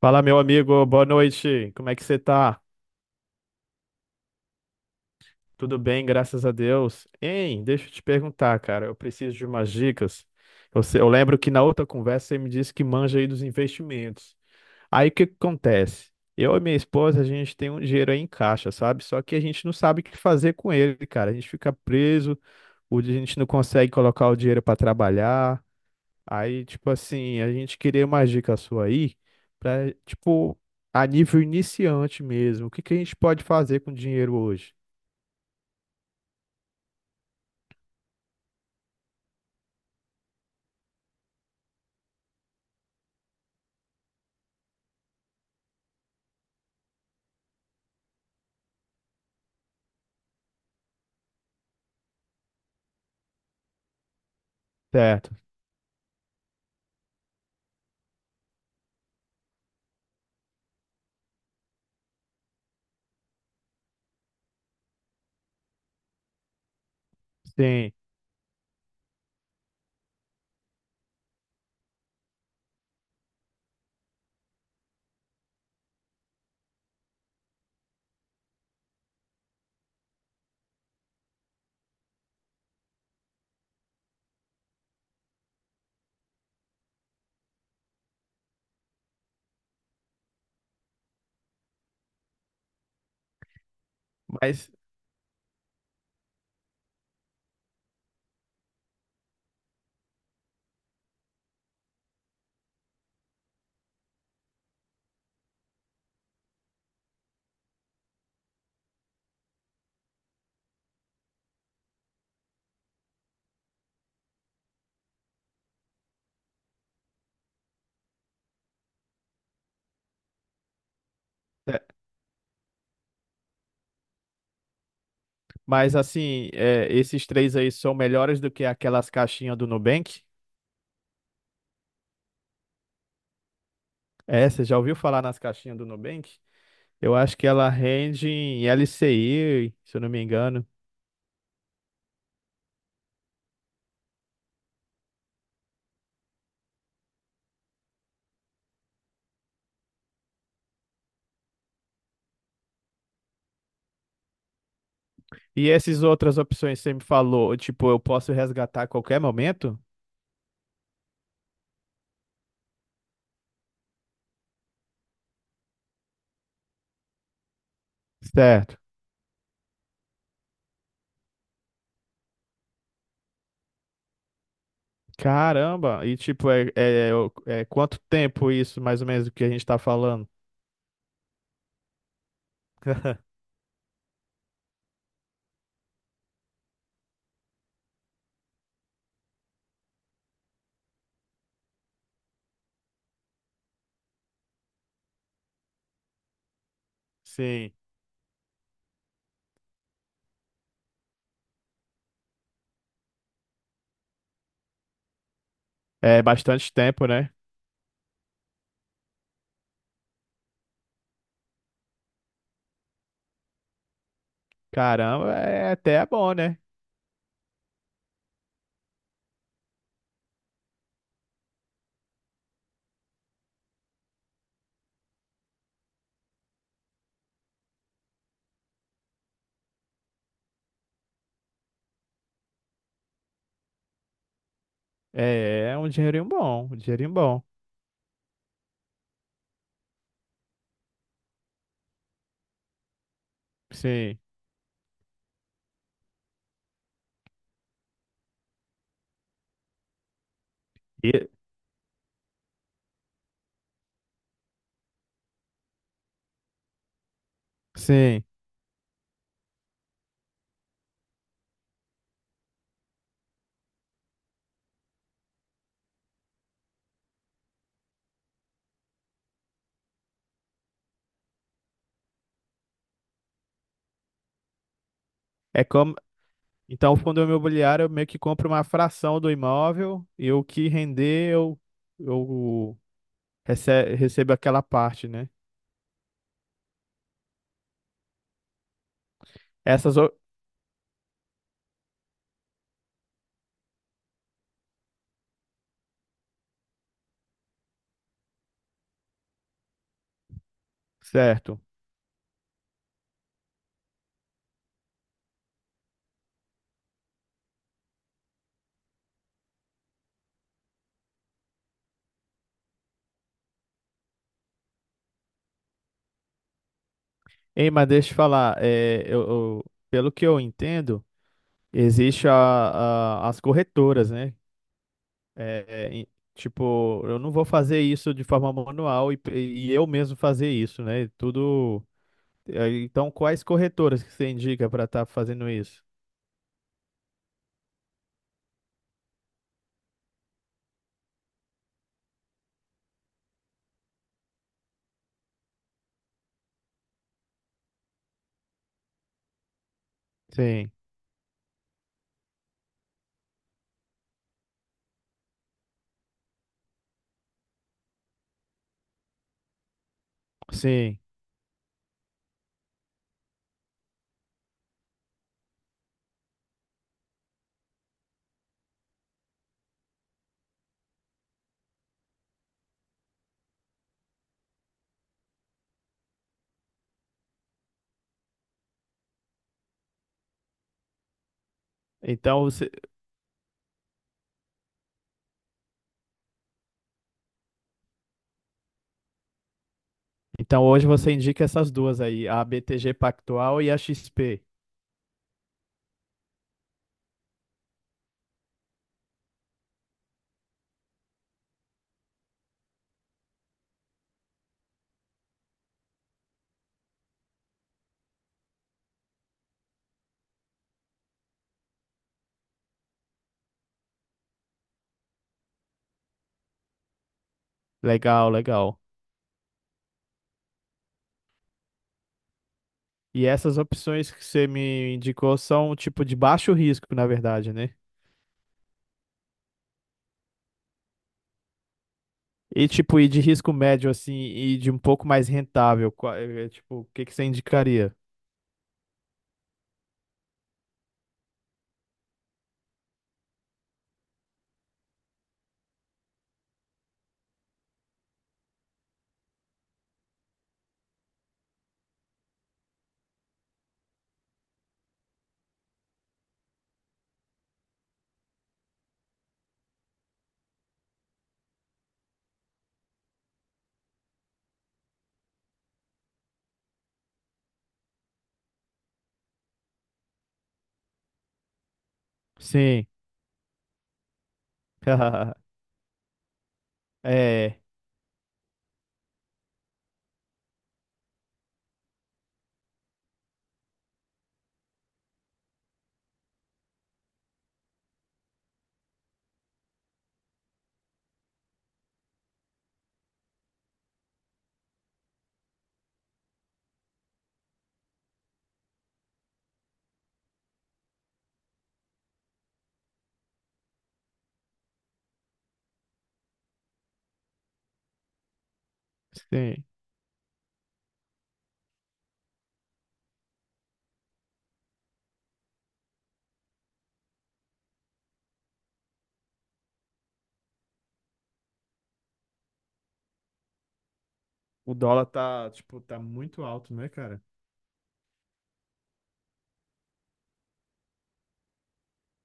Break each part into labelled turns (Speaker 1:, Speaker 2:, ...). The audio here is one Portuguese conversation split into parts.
Speaker 1: Fala, meu amigo, boa noite. Como é que você tá? Tudo bem, graças a Deus. Hein, deixa eu te perguntar, cara, eu preciso de umas dicas. Você, eu lembro que na outra conversa você me disse que manja aí dos investimentos. Aí o que que acontece? Eu e minha esposa, a gente tem um dinheiro aí em caixa, sabe? Só que a gente não sabe o que fazer com ele, cara. A gente fica preso, a gente não consegue colocar o dinheiro para trabalhar. Aí, tipo assim, a gente queria uma dica sua aí pra, tipo, a nível iniciante mesmo. O que que a gente pode fazer com dinheiro hoje? Certo. Sim, mas, é, mas assim, esses três aí são melhores do que aquelas caixinhas do Nubank? É, você já ouviu falar nas caixinhas do Nubank? Eu acho que ela rende em LCI, se eu não me engano. E essas outras opções que você me falou, tipo, eu posso resgatar a qualquer momento? Certo. Caramba! E tipo, é quanto tempo isso, mais ou menos, do que a gente tá falando? Sim. É bastante tempo, né? Caramba, é até bom, né? É, é um dinheirinho bom, um dinheirinho bom. Sim. E, sim. É como. Então, o fundo imobiliário, eu meio que compro uma fração do imóvel e o que render, eu recebo aquela parte, né? Essas. Certo. Ei, mas deixa eu te falar, é, pelo que eu entendo. Existe as corretoras, né? É, é, em- tipo, eu não vou fazer isso de forma manual e eu mesmo fazer isso, né? Tudo. Então, quais corretoras que você indica para estar fazendo isso? Sim, sim. Então, você, então hoje você indica essas duas aí, a BTG Pactual e a XP. Legal, legal. E essas opções que você me indicou são tipo de baixo risco, na verdade, né? E tipo, e de risco médio assim, e de um pouco mais rentável, é, tipo, o que que você indicaria? Sim. É, sim. O dólar tá, tipo, tá muito alto, né, cara?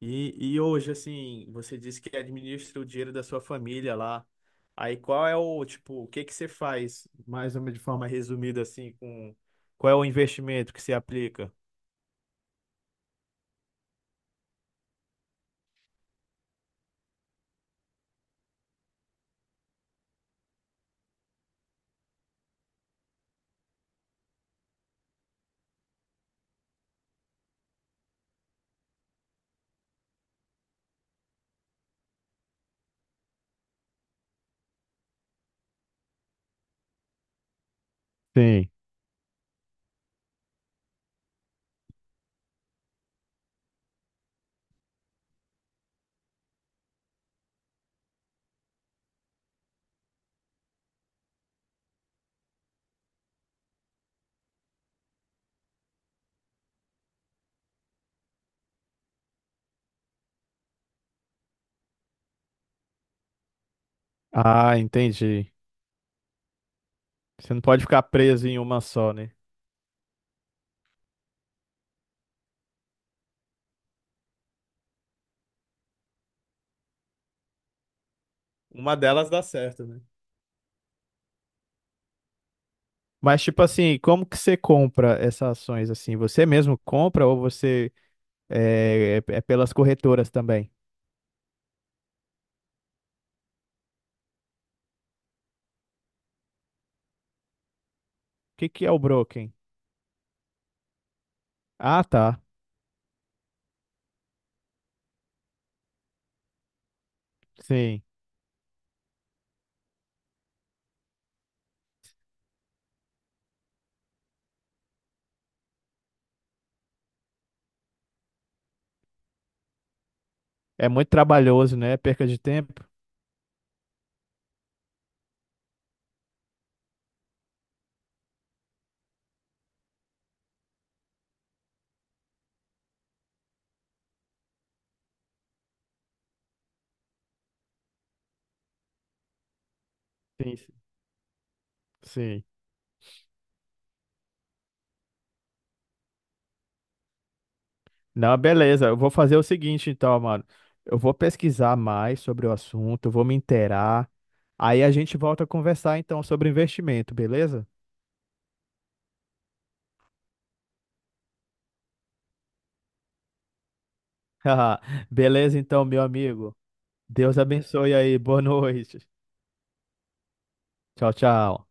Speaker 1: E hoje, assim, você disse que administra o dinheiro da sua família lá. Aí qual é o, tipo, o que que você faz, mais ou menos de forma resumida, assim, com qual é o investimento que você aplica? Sim. Ah, entendi. Você não pode ficar preso em uma só, né? Uma delas dá certo, né? Mas, tipo assim, como que você compra essas ações assim? Você mesmo compra ou você é pelas corretoras também? O que que é o broking? Ah, tá. Sim. É muito trabalhoso, né? Perca de tempo. Sim, sim, sim. Não, beleza. Eu vou fazer o seguinte, então, mano. Eu vou pesquisar mais sobre o assunto, eu vou me inteirar. Aí a gente volta a conversar, então, sobre investimento, beleza? Beleza, então, meu amigo. Deus abençoe aí. Boa noite. Tchau, tchau.